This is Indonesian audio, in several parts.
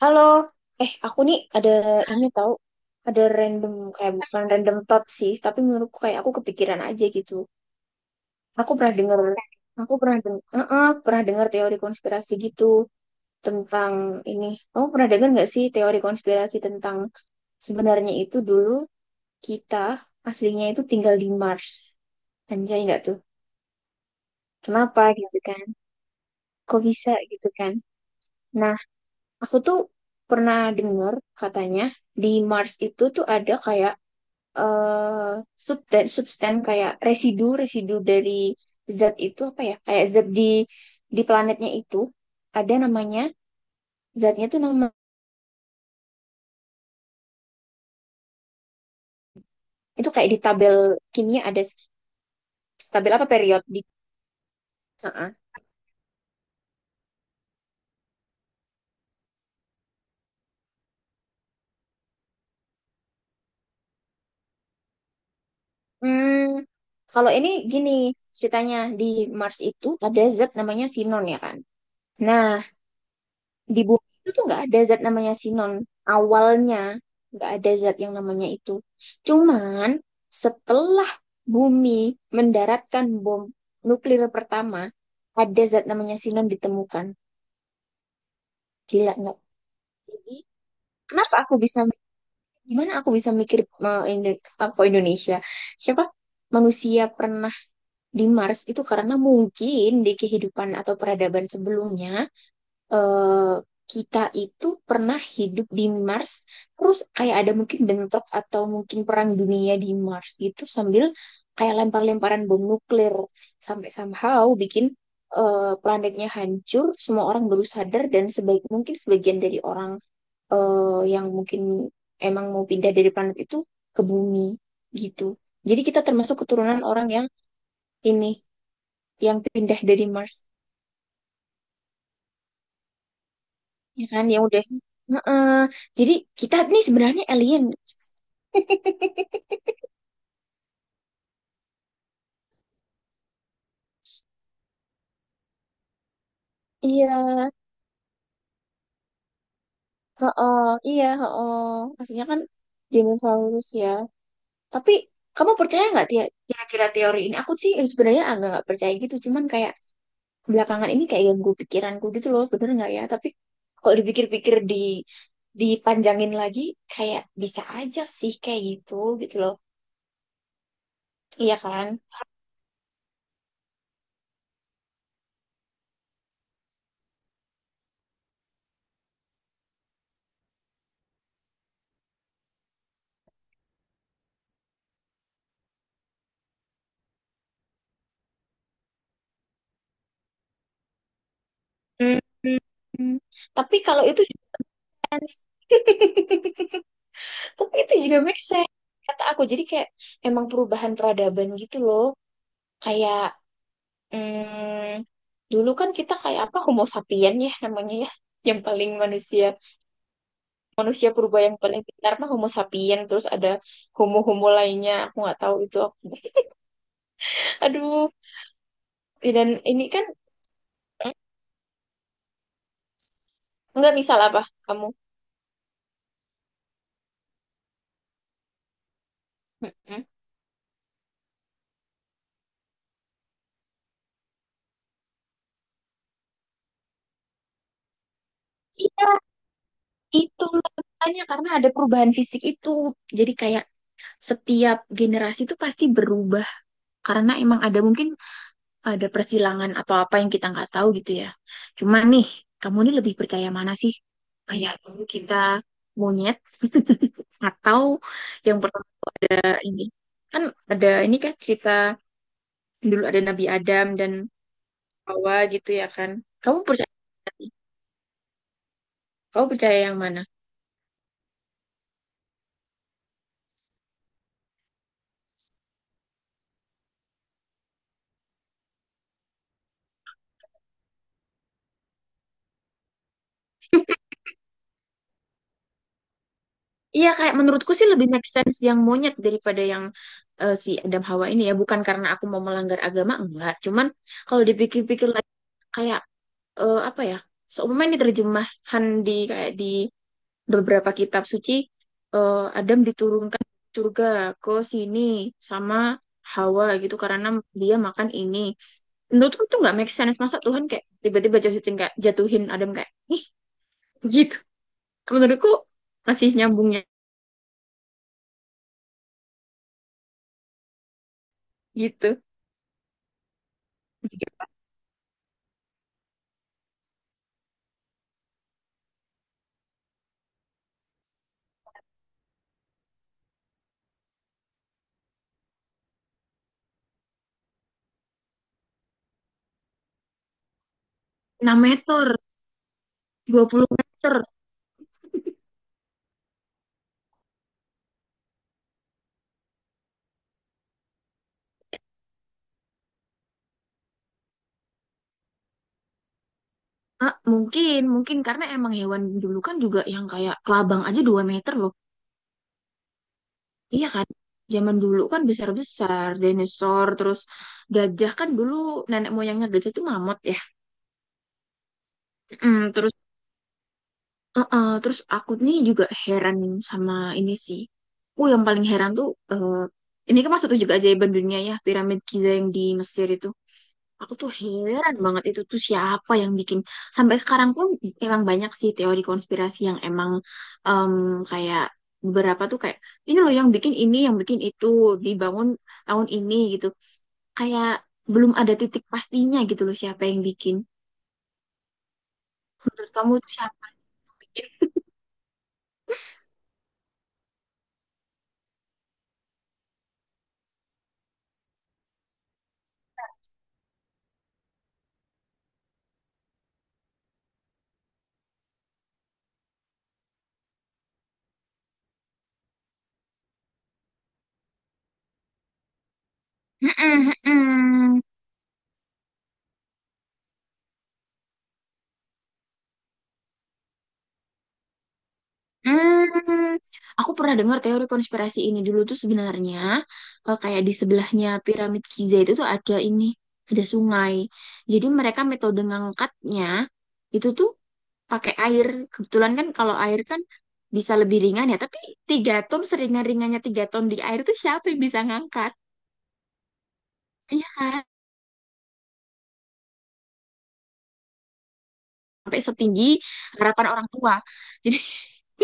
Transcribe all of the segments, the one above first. Halo, aku nih ada ini tahu, ada random kayak bukan random thought sih, tapi menurutku kayak aku kepikiran aja gitu. Aku pernah dengar, aku pernah dengar teori konspirasi gitu tentang ini. Kamu pernah dengar nggak sih teori konspirasi tentang sebenarnya itu dulu kita aslinya itu tinggal di Mars, anjay nggak tuh? Kenapa gitu kan? Kok bisa gitu kan? Nah, aku tuh pernah dengar katanya di Mars itu tuh ada kayak eh substan substan kayak residu residu dari zat itu apa ya kayak zat di planetnya itu ada namanya zatnya tuh nama itu kayak di tabel kimia ada tabel apa period di. Heeh. Hmm, kalau ini gini ceritanya di Mars itu ada zat namanya sinon ya kan. Nah, di bumi itu tuh nggak ada zat namanya sinon awalnya nggak ada zat yang namanya itu cuman setelah bumi mendaratkan bom nuklir pertama ada zat namanya sinon ditemukan. Gila nggak? Jadi kenapa aku bisa mikir, gimana aku bisa mikir mau Indo- apa Indonesia siapa manusia pernah di Mars itu karena mungkin di kehidupan atau peradaban sebelumnya eh, kita itu pernah hidup di Mars, terus kayak ada mungkin bentrok atau mungkin perang dunia di Mars gitu sambil kayak lempar-lemparan bom nuklir sampai somehow bikin planetnya hancur, semua orang baru sadar dan sebaik mungkin sebagian dari orang yang mungkin emang mau pindah dari planet itu ke bumi gitu. Jadi kita termasuk keturunan orang yang ini yang pindah dari Mars. Ya kan, ya udah. Heeh. Jadi kita nih sebenarnya alien. Iya heeh, iya heeh, maksudnya kan dinosaurus ya. Tapi kamu percaya nggak kira-kira teori ini? Aku sih sebenarnya agak nggak percaya gitu cuman kayak belakangan ini kayak ganggu pikiranku gitu loh, bener nggak ya, tapi kalau dipikir-pikir di dipanjangin lagi kayak bisa aja sih kayak gitu gitu loh, iya kan? Hmm. Tapi kalau itu Tapi itu juga make sense kata aku, jadi kayak emang perubahan peradaban gitu loh, kayak mm, dulu kan kita kayak apa Homo sapien ya namanya ya, yang paling manusia manusia purba yang paling pintar mah Homo sapien, terus ada homo homo lainnya aku nggak tahu itu aduh, ya dan ini kan nggak misal apa kamu. Mm-mm. Iya, itulah makanya karena ada perubahan fisik itu. Jadi kayak setiap generasi itu pasti berubah karena emang ada mungkin ada persilangan atau apa yang kita nggak tahu gitu ya. Cuman nih, kamu ini lebih percaya mana sih? Kayak dulu kita monyet, atau yang pertama ada ini kan ada ini kan cerita dulu ada Nabi Adam dan Hawa gitu ya kan. Kamu percaya kamu percaya yang mana? Iya, kayak menurutku sih lebih make sense yang monyet daripada yang si Adam Hawa ini ya. Bukan karena aku mau melanggar agama enggak. Cuman kalau dipikir-pikir lagi kayak apa ya? Seumpamanya ini terjemahan di kayak di beberapa kitab suci Adam diturunkan ke surga ke sini sama Hawa gitu karena dia makan ini. Menurutku tuh nggak make sense masa Tuhan kayak tiba-tiba jatuhin kayak jatuhin Adam kayak ih gitu. Menurutku masih nyambungnya gitu. 6 meter, 20 meter. Ah, mungkin, mungkin karena emang hewan dulu kan juga yang kayak kelabang aja 2 meter loh. Iya kan? Zaman dulu kan besar-besar, dinosaur, terus gajah kan dulu nenek moyangnya gajah itu mamut ya. Mm, terus terus aku nih juga heran sama ini sih. Oh, yang paling heran tuh eh, ini kan masuk juga ajaiban dunia ya, piramid Giza yang di Mesir itu. Aku tuh heran banget itu tuh siapa yang bikin. Sampai sekarang pun emang banyak sih teori konspirasi yang emang em, kayak beberapa tuh kayak ini loh yang bikin ini, yang bikin itu dibangun tahun ini gitu. Kayak belum ada titik pastinya gitu loh siapa yang bikin. Menurut kamu tuh siapa? Mm-mm, mm-mm. Hmm, aku pernah dengar teori konspirasi ini dulu tuh sebenarnya kayak di sebelahnya piramid Giza itu tuh ada ini, ada sungai. Jadi mereka metode ngangkatnya itu tuh pakai air. Kebetulan kan kalau air kan bisa lebih ringan ya, tapi 3 ton seringan-ringannya 3 ton di air tuh siapa yang bisa ngangkat? Iya kan? Sampai setinggi harapan orang tua. Jadi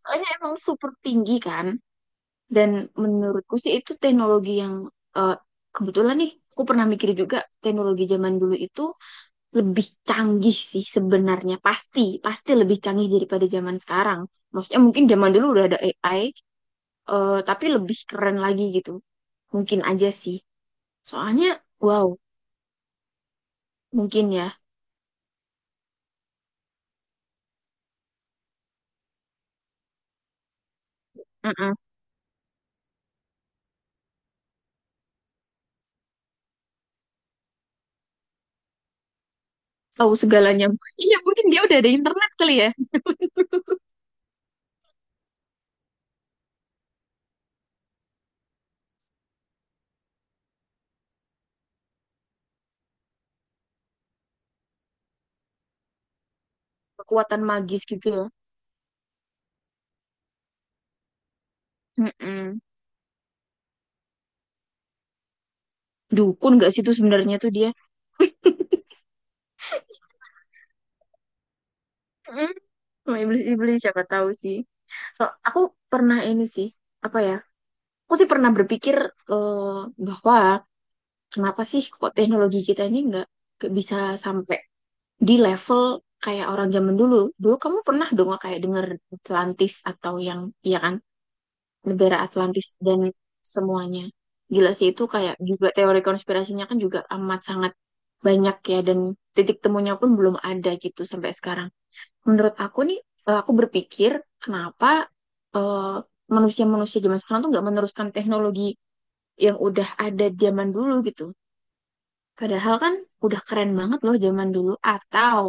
soalnya emang super tinggi kan. Dan menurutku sih itu teknologi yang eh, kebetulan nih, aku pernah mikir juga teknologi zaman dulu itu lebih canggih sih sebenarnya. Pasti, pasti lebih canggih daripada zaman sekarang. Maksudnya mungkin zaman dulu udah ada AI, tapi lebih keren lagi gitu. Mungkin aja sih. Soalnya, wow, mungkin ya. Mm-mm. Tahu segalanya. Iya, mungkin dia udah ada internet kali ya. Kekuatan magis gitu ya. Mm-mm. Dukun gak sih tuh sebenarnya tuh dia? Mm-mm. Sama iblis-iblis siapa tahu sih. So, aku pernah ini sih, apa ya? Aku sih pernah berpikir eh, bahwa kenapa sih kok teknologi kita ini nggak bisa sampai di level kayak orang zaman dulu. Dulu kamu pernah dong kayak denger Atlantis atau yang, iya kan, negara Atlantis dan semuanya. Gila sih itu, kayak juga teori konspirasinya kan juga amat sangat banyak ya, dan titik temunya pun belum ada gitu sampai sekarang. Menurut aku nih aku berpikir kenapa eh, manusia-manusia zaman sekarang tuh nggak meneruskan teknologi yang udah ada zaman dulu gitu. Padahal kan udah keren banget loh zaman dulu. Atau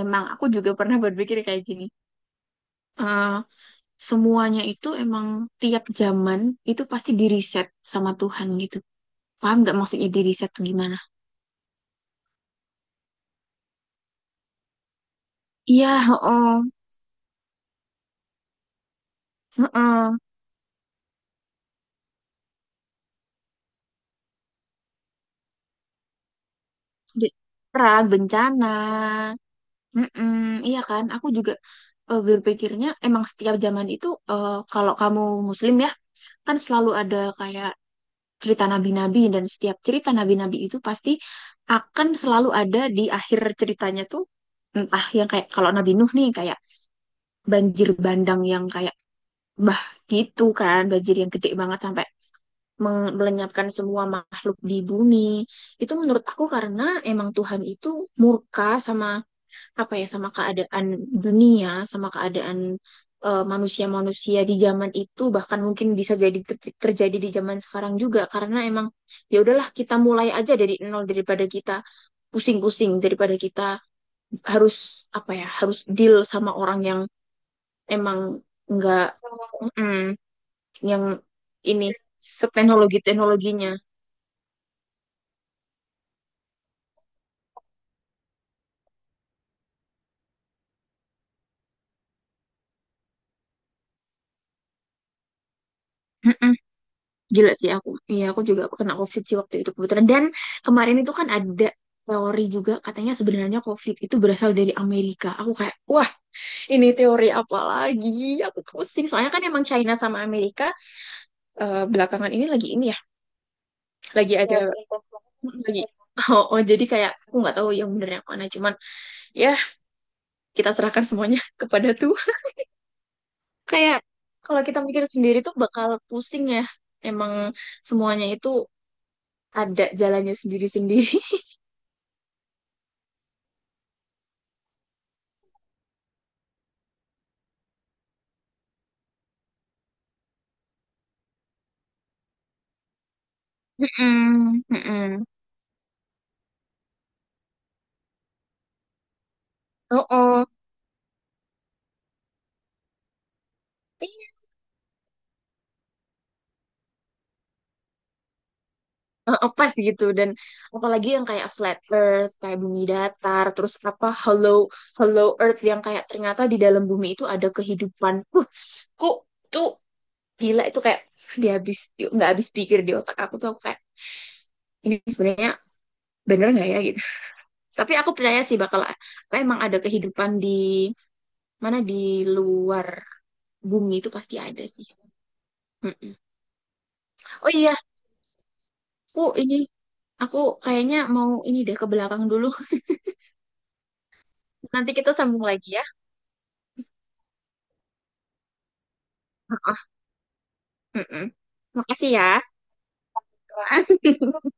emang aku juga pernah berpikir kayak gini. eh, semuanya itu emang tiap zaman itu pasti diriset sama Tuhan gitu. Paham nggak maksudnya diriset tuh gimana? Iya, heeh, heeh. Di- Perang, bencana. Mm-mm, iya kan, aku juga berpikirnya emang setiap zaman itu kalau kamu Muslim ya kan selalu ada kayak cerita nabi-nabi, dan setiap cerita nabi-nabi itu pasti akan selalu ada di akhir ceritanya tuh entah yang kayak kalau Nabi Nuh nih kayak banjir bandang yang kayak bah gitu kan, banjir yang gede banget sampai melenyapkan semua makhluk di bumi. Itu menurut aku karena emang Tuhan itu murka sama apa ya, sama keadaan dunia, sama keadaan manusia-manusia di zaman itu, bahkan mungkin bisa jadi terjadi di zaman sekarang juga karena emang ya udahlah kita mulai aja dari nol daripada kita pusing-pusing, daripada kita harus apa ya, harus deal sama orang yang emang nggak mm, yang ini seteknologi teknologinya. Gila sih aku. Iya, aku juga kena COVID sih waktu itu kebetulan. Dan kemarin itu kan ada teori juga katanya sebenarnya COVID itu berasal dari Amerika. Aku kayak, wah ini teori apa lagi? Aku pusing. Soalnya kan emang China sama Amerika belakangan ini lagi ini ya, lagi ada. Ya, lagi. Oh, oh, jadi kayak aku nggak tahu yang bener yang mana. Cuman ya kita serahkan semuanya kepada Tuhan. Kayak kalau kita mikir sendiri tuh bakal pusing ya. Emang semuanya itu ada jalannya sendiri-sendiri. Mm-mm, mm-mm. Oh, oh. Eh, eh, pas gitu, dan apalagi yang kayak flat earth kayak bumi datar, terus apa hollow hollow earth yang kayak ternyata di dalam bumi itu ada kehidupan kok tuh gila itu, kayak dia habis nggak habis pikir di otak aku tuh, aku kayak ini sebenarnya bener nggak ya gitu. Tapi aku percaya sih bakal apa emang ada kehidupan di mana di luar bumi itu pasti ada sih. Mm-mm. Oh iya, aku ini aku kayaknya mau ini deh ke belakang dulu. Nanti kita sambung lagi ya. Heeh, heeh. Makasih ya.